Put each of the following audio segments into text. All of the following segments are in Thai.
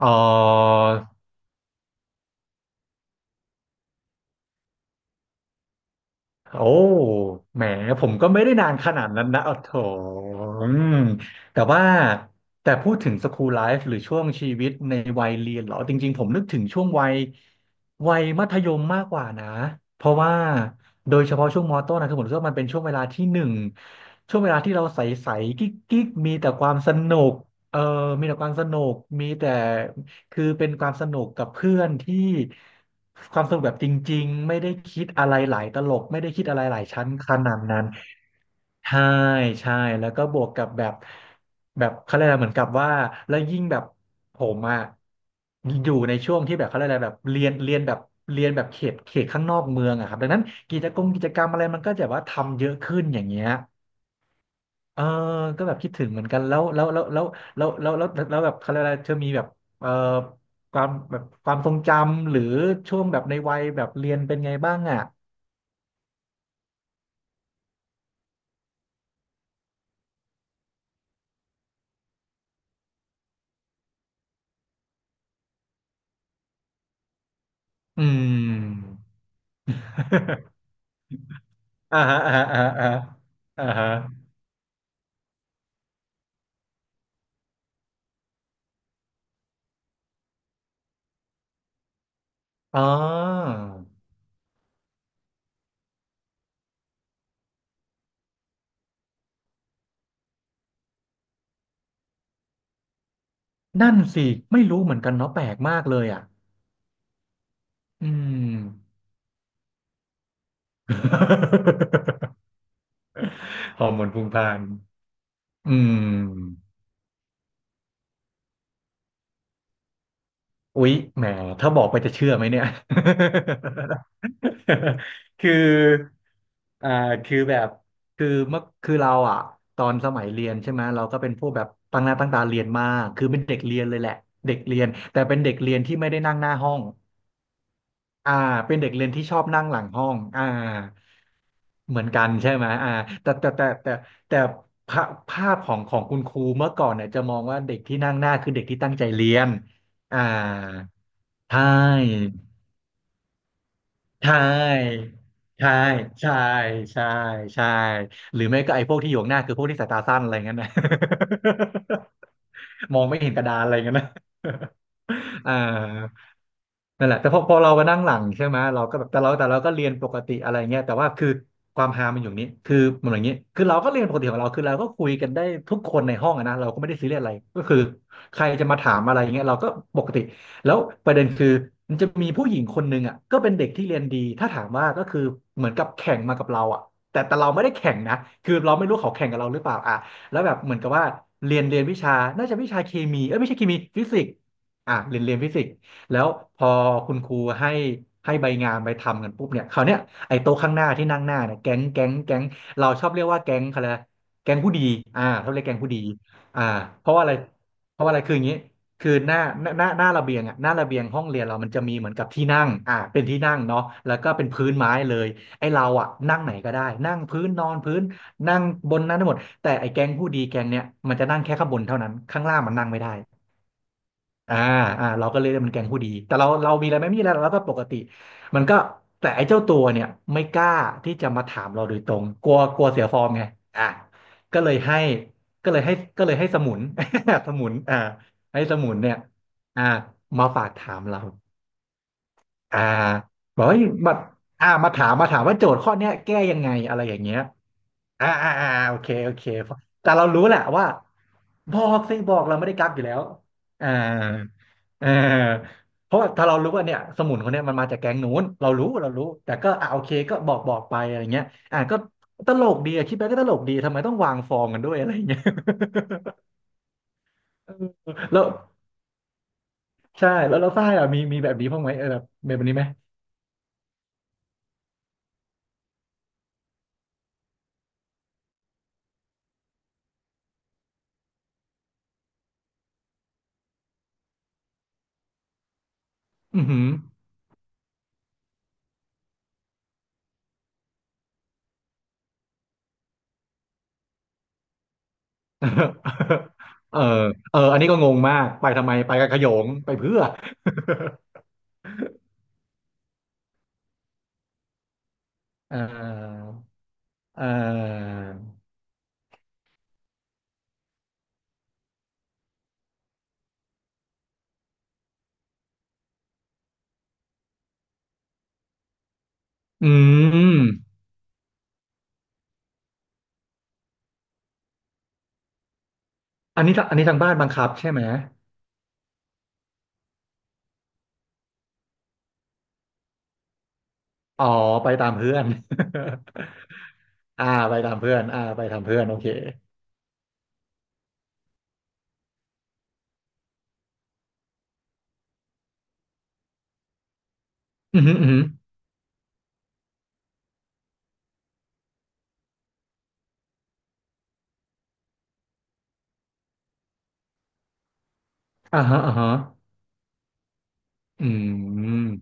เออโอ้แหมผมก็ไม่ได้นานขนาดนั้นนะอ๋อโถอืมแต่ว่าแต่พูดถึงสคูลไลฟ์หรือช่วงชีวิตในวัยเรียนเหรอจริงๆผมนึกถึงช่วงวัยวัยมัธยมมากกว่านะเพราะว่าโดยเฉพาะช่วงมต้นนะคือผมรู้สึกว่ามันเป็นช่วงเวลาที่หนึ่งช่วงเวลาที่เราใสๆกิ๊กๆมีแต่ความสนุกเออมีแต่ความสนุกมีแต่ คือเป็นความสนุกกับเพื่อนที่ความสนุกแบบจริงๆไม่ได้คิดอะไรหลายตลกไม่ได้คิดอะไรหลายชั้นขนาดนั้นใช่ใช่แล้วก็บวกกับแบบแบบเขาเรียกอะไรเหมือนกับว่าแล้วยิ่งแบบผมอะอยู่ในช่วงที่แบบเขาเรียกอะไรแบบเรียนเรียนแบบเรียนแบบเขตเขตข้างนอกเมืองอะครับดังนั้นกิจกรรมกิจกรรมอะไรมันก็จะว่าทำเยอะขึ้นอย่างเงี้ย เออก็แบบคิดถึงเหมือนกันแล้วแล้วแล้วแล้วแล้วแล้วแล้วแล้วแล้วแบบเขาเรียกอะไรเธอมีแบบเออความแบบความทรงจำหรือช่วงแบบในวัยแบบเรียนเป็นไงบ้างอ่ะอืม อ่าฮะอ่าฮะอ่าฮะอ่าฮะอ๋อนั่นสิไม่รู้เหมือนกันเนาะแปลกมากเลยอ่ะอืม ฮอร์โมนพุ่งพล่านอืม อุ๊ยแหมถ้าบอกไปจะเชื่อไหมเนี่ย คืออ่าคือแบบคือเมื่อคือเราอ่ะตอนสมัยเรียนใช่ไหมเราก็เป็นพวกแบบตั้งหน้าตั้งตาเรียนมากคือเป็นเด็กเรียนเลยแหละเด็กเรียนแต่เป็นเด็กเรียนที่ไม่ได้นั่งหน้าห้องอ่าเป็นเด็กเรียนที่ชอบนั่งหลังห้องอ่าเหมือนกันใช่ไหมอ่าแต่แต่แต่แต่แต่ภาภาพของของคุณครูเมื่อก่อนเนี่ยจะมองว่าเด็กที่นั่งหน้าคือเด็กที่ตั้งใจเรียนอ่า ใช่ใช่ ใช่ ใช่ ใช่ ใช่หรือไม่ก็ไอ้พวกที่อยู่ข้างหน้าคือพวกที่สายตาสั้นอะไรเงี้ยนะ มองไม่เห็นกระดานอะไรเงี้ยนะ อ่านั่นแหละแต่พอพอเรามานั่งหลังใช่ไหมเราก็แบบแต่เราแต่เราก็เรียนปกติอะไรเงี้ยแต่ว่าคือความฮามันอยู่นี้คือมันอย่างนี้คือเราก็เรียนปกติของเราคือเราก็คุยกันได้ทุกคนในห้องอะนะเราก็ไม่ได้ซีเรียสอะไรก็คือใครจะมาถามอะไรเงี้ยเราก็ปกติ แล้วประเด็นคือมันจะมีผู้หญิงคนหนึ่งอ่ะก็เป็นเด็กที่เรียนดีถ้าถามว่าก็คือเหมือนกับแข่งมากับเราอ่ะแต่เราไม่ได้แข่งนะคือเราไม่รู้เขาแข่งกับเราหรือเปล่าอ่ะแล้วแบบเหมือนกับว่าเรียนเรียนวิชาน่าจะวิชาเคมีเอ้ยไม่ใช่เคมีฟิสิกส์อ่ะเรียนเรียนฟิสิกส์แล้วพอคุณครูให้ให้ใบงานไปทำกันปุ๊บเนี่ยคราวเนี้ยไอ้โต๊ะข้างหน้าที่นั่งหน้าเนี่ยแก๊งแก๊งแก๊งเราชอบเรียกว่าแก๊งอะไรนะแก๊งผู้ดีอ่าเขาเรียกแก๊งผู้ดีอ่าเพราะว่าอะไรเพราะว่าอะไรคืออย่างนี้ คือหน้าหน้าหน้าหน้าระเบียงอ่ะหน้าระเบียงห้องเรียนเรามันจะมีเหมือนกับที่นั่งอ่าเป็นที่นั่งเนาะแล้วก็เป็นพื้นไม้เลยไอ้เราอ่ะนั่งไหนก็ได้นั่งพื้นนอนพื้นนั่งบนนั้นทั้งหมดแต่ไอ้แก๊งผู้ดีแก๊งเนี้ยมันจะนั่งแค่ข้างบนเท่านั้นข้างล่างมันนั่งไม่ได้ อ่าอ่าเราก็เลยเรียกมันแกงผู้ดีแต่เราเรามีอะไรไหมไมมีอะไรเราก็ปกติมันก็แต่ไอ้เจ้าตัวเนี่ยไม่กล้าที่จะมาถามเราโดยตรงกลัวกลัวเสียฟอร์มไงอ่าก็เลยให้ก็เลยให้ก็เลยให้สมุน สมุนอ่าให้สมุนเนี่ยอ่ามาฝากถามเราอ่าบอกว่ามาอ่ามาถามว่าโจทย์ข้อเนี้ยแก้ยังไงอะไรอย่างเงี้ย อ่าอ่าอ่าโอเคโอเคแต่เรารู้แหละว่าบอกสิบอกเราไม่ได้กักอยู่แล้วอ่าเออเพราะว่าถ้าเรารู้ว่าเนี่ยสมุนคนเนี้ยมันมาจากแก๊งนู้นเรารู้เรารู้แต่ก็อ่าโอเคก็บอกบอกไปอะไรเงี้ยอ่าก็ตลกดีอะคิดไปก็ตลกดีทำไมต้องวางฟองกันด้วยอะไรเงี้ย เออแล้วใช่แล้วเราฝ้ายอะมีมีแบบนี้บ้างไหมเออแบบแบบนี้ไหมอือหือ เออเอออันนี้ก็งงมากไปทำไมไปกับขโยงไปเพื่อ อ่า อ่าอืมอันนี้ทางบ้านบังคับใช่ไหม อ๋อไปตามเพื่อน อ่าไปตามเพื่อนอ่าไปตามเพื่อนโอเคอืมอหืออือหืออ่าฮะอืม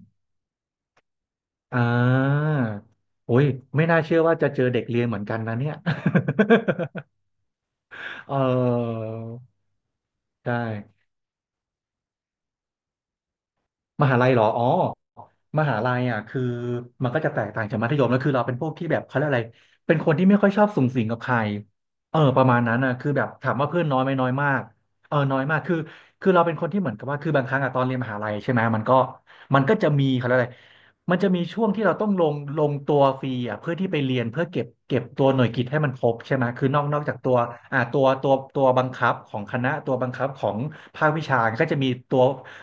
อ่าโอ้ยไม่น่าเชื่อว่าจะเจอเด็กเรียนเหมือนกันนะเนี่ย เออใช่ มหาลัยเหรออ๋อมหาลัยอ่ะคือมันก็จะแตกต่างจากมัธยมแล้วคือเราเป็นพวกที่แบบเขาเรียกอะไรเป็นคนที่ไม่ค่อยชอบสุงสิงกับใครเออประมาณนั้นนะคือแบบถามว่าเพื่อนน้อยไหมน้อยมากเออน้อยมากคือเราเป็นคนที่เหมือนกับว่าคือบางครั้งอะตอนเรียนมหาลัยใช่ไหมมันก็จะมีเขาเรียกอะไรมันจะมีช่วงที่เราต้องลงตัวฟรีอ่ะเพื่อที่ไปเรียนเพื่อเก็บตัวหน่วยกิตให้มันครบใช่ไหมคือนอกจากตัวอ่าตัวบังคับของคณะตัวบังคับของภาควิชาก็จะมีตัว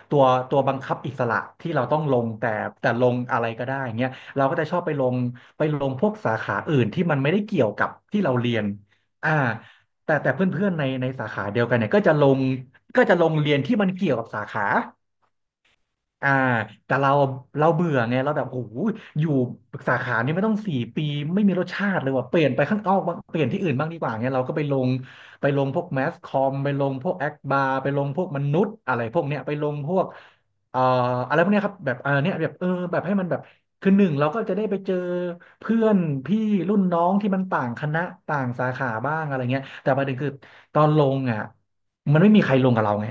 ตัวตัวบังคับอิสระที่เราต้องลงแต่ลงอะไรก็ได้เงี้ยเราก็จะชอบไปลงไปลงพวกสาขาอื่นที่มันไม่ได้เกี่ยวกับที่เราเรียนอ่าแต่เพื่อนๆในในสาขาเดียวกันเนี่ยก็จะลงก็จะลงเรียนที่มันเกี่ยวกับสาขา อ่าแต่เราเบื่อไงเราแบบโอ้โหอยู่สาขานี้ไม่ต้องสี่ปีไม่มีรสชาติเลยว่ะเปลี่ยนไปข้างนอกบ้างเปลี่ยนที่อื่นบ้างดีกว่าเงี้ยเราก็ไปลงไปลงพวกแมสคอมไปลงพวกแอคบาร์ไปลงพวกมนุษย์อะไรพวกเนี้ยไปลงพวกเอ่ออะไรพวกเนี้ยครับแบบเออเนี่ยแบบเออแบบให้มันแบบคือหนึ่งเราก็จะได้ไปเจอเพื่อนพี่รุ่นน้องที่มันต่างคณะต่างสาขาบ้างอะไรเงี้ยแต่ประเด็นคือตอนลงอ่ะมันไม่มีใครลงกับเราไง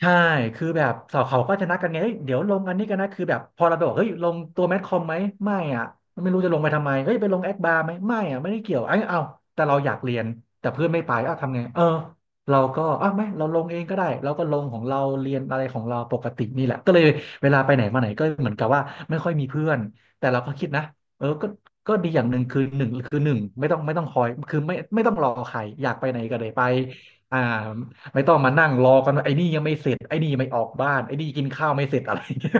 ใช่คือแบบสาวเขาก็จะนัดกันไงเฮ้ยเดี๋ยวลงอันนี้กันนะคือแบบพอเราไปบอกเฮ้ยลงตัวแมทคอมไหมไม่อ่ะไม่รู้จะลงไปทำไมเฮ้ยไปลงแอดบาร์ไหมไม่อ่ะไม่ได้เกี่ยวไอ้ยเอาแต่เราอยากเรียนแต่เพื่อนไม่ไปอ้าวทำไงเออเราก็อ้าวไม่เราลงเองก็ได้เราก็ลงของเราเรียนอะไรของเราปกตินี่แหละก็เลยเวลาไปไหนมาไหนก็เหมือนกับว่าไม่ค่อยมีเพื่อนแต่เราก็คิดนะเออก็ดีอย่างหนึ่งคือหนึ่งคือหนึ่งไม่ต้องคอยคือไม่ต้องรอใครอยากไปไหนก็ได้ไปอ่า ไม่ต้องมานั่งรอกันว่าไอ้นี่ยังไม่เสร็จไอ้นี่ไม่ออกบ้านไอ้นี่กินข้าวไม่เสร็จอะไรอย่างเงี้ย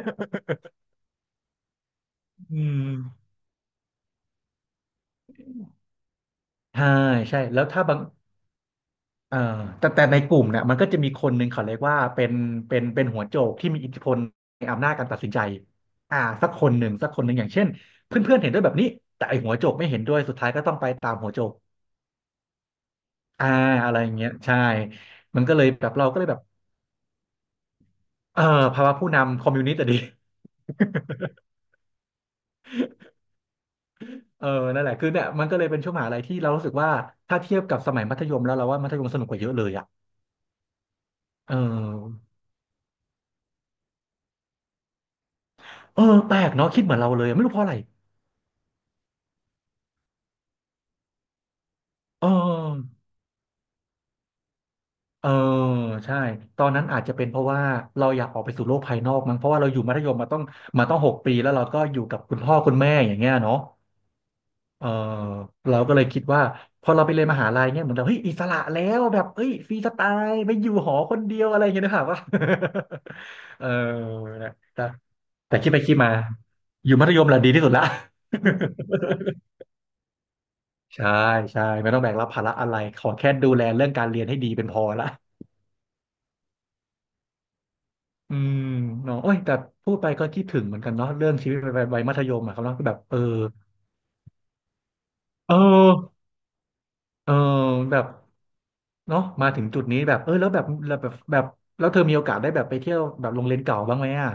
อืมใช่ใช่แล้วถ้าบางเอ่อแต่ในกลุ่มเนี่ยมันก็จะมีคนหนึ่งเขาเรียกว่าเป็นเป็นหัวโจกที่มีอิทธิพลในอำนาจการตัดสินใจอ่าสักคนหนึ่งสักคนหนึ่งอย่างเช่นเพื่อนเพื่อนเห็นด้วยแบบนี้แต่ไอหัวโจกไม่เห็นด้วยสุดท้ายก็ต้องไปตามหัวโจกอ่าอะไรอย่างเงี้ยใช่มันก็เลยแบบเราก็เลยแบบเออภาวะผู้นำคอมมิวนิสต์อะดี เออนั่นแหละคือเนี่ยมันก็เลยเป็นช่วงมหาลัยที่เรารู้สึกว่าถ้าเทียบกับสมัยมัธยมแล้วเราว่ามัธยมสนุกกว่าเยอะเลยอ่ะเออเออแปลกเนาะคิดเหมือนเราเลยไม่รู้เพราะอะไรเออเออใช่ตอนนั้นอาจจะเป็นเพราะว่าเราอยากออกไปสู่โลกภายนอกมั้งเพราะว่าเราอยู่มัธยมมาต้องมาต้องหกปีแล้วเราก็อยู่กับคุณพ่อคุณแม่อย่างเงี้ยเนาะเออเราก็เลยคิดว่าพอเราไปเรียนมหาลัยเงี้ยเหมือนเราเฮ้ยอิสระแล้วแบบเฮ้ยฟรีสไตล์ไม่อยู่หอคนเดียวอะไรอย่างเงี้ยนะครับว่า เออนะ แต่คิดไปคิดมาอยู่มัธยมแหละดีที่สุดละ ใช่ใช่ไม่ต้องแบกรับภาระอะไรขอแค่ดูแลเรื่องการเรียนให้ดีเป็นพอละอืมเนาะโอ้ยแต่พูดไปก็คิดถึงเหมือนกันเนาะเรื่องชีวิตวัยมัธยมอะครับเนาะแบบเออเออเออแบบเนาะมาถึงจุดนี้แบบเออแล้วแบบแล้วเธอมีโอกาสได้แบบไปเที่ยวแบบโรงเรียนเก่าบ้างไหมอ่ะ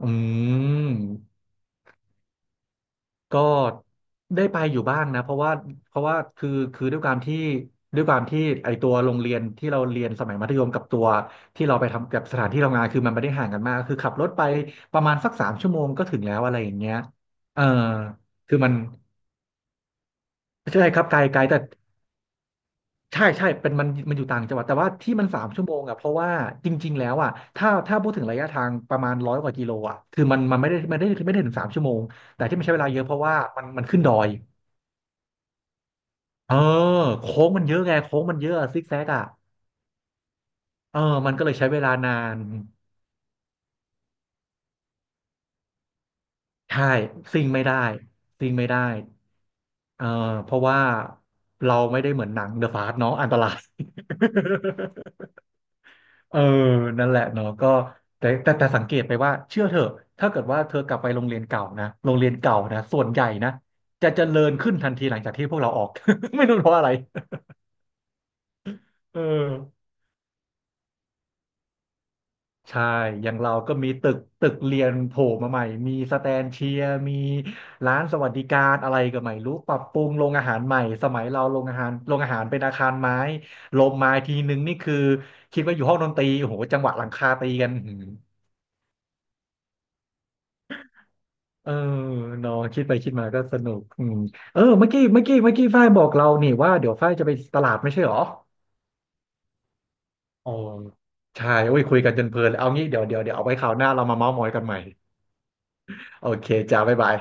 อืม ก็ได้ไปอยู่บ้างนะเพราะว่าเพราะว่าคือคือด้วยความที่ด้วยความที่ไอตัวโรงเรียนที่เราเรียนสมัยมัธยมกับตัวที่เราไปทำกับสถานที่ทำงานคือมันไม่ได้ห่างกันมากคือขับรถไปประมาณสักสามชั่วโมงก็ถึงแล้วอะไรอย่างเงี้ยเออคือมันใช่ครับไกลไกลแต่ใช่ใช่เป็นมันอยู่ต่างจังหวัดแต่ว่าที่มันสามชั่วโมงอ่ะเพราะว่าจริงๆแล้วอ่ะถ้าพูดถึงระยะทางประมาณร้อยกว่ากิโลอ่ะคือมันไม่ได้ถึงสามชั่วโมงแต่ที่มันใช้เวลาเยอะเพราะว่ามันขึ้นดอย เออโค้งมันเยอะไงโค้งมันเยอะซิกแซกอ่ะเออมันก็เลยใช้เวลานานใช่ซิ่งไม่ได้ซิ่งไม่ได้เออเพราะว่าเราไม่ได้เหมือนหนังเดอะฟาสเนาะอันตราย เออนั่นแหละเนาะก็แต่สังเกตไปว่าเชื่อเถอะถ้าเกิดว่าเธอกลับไปโรงเรียนเก่านะโรงเรียนเก่านะส่วนใหญ่นะจะเจริญขึ้นทันทีหลังจากที่พวกเราออก ไม่รู้เพราะอะไรเออ ใช่อย่างเราก็มีตึกเรียนโผล่มาใหม่มีสแตนเชียร์มีร้านสวัสดิการอะไรก็ไม่รู้ปรับปรุงโรงอาหารใหม่ สมัยเราโรงอาหารเป็นอาคารไม้ลมมาทีนึงนี่คือคิดว่าอยู่ห้องดนตรีโอ้โหจังหวะหลังคาตีกันอื้อหือเออเนอะคิดไปคิดมาก็สนุกอืมเออเมื่อกี้ฝ้ายบอกเรานี่ว่าเดี๋ยวฝ้ายจะไปตลาดไม่ใช่เหรออ๋อใช่โอ้ยคุยกันจนเพลินเลยเอางี้เดี๋ยวเอาไว้คราวหน้าเรามาเม้าท์มอยกันใหม่โอเคจ้าบ๊ายบาย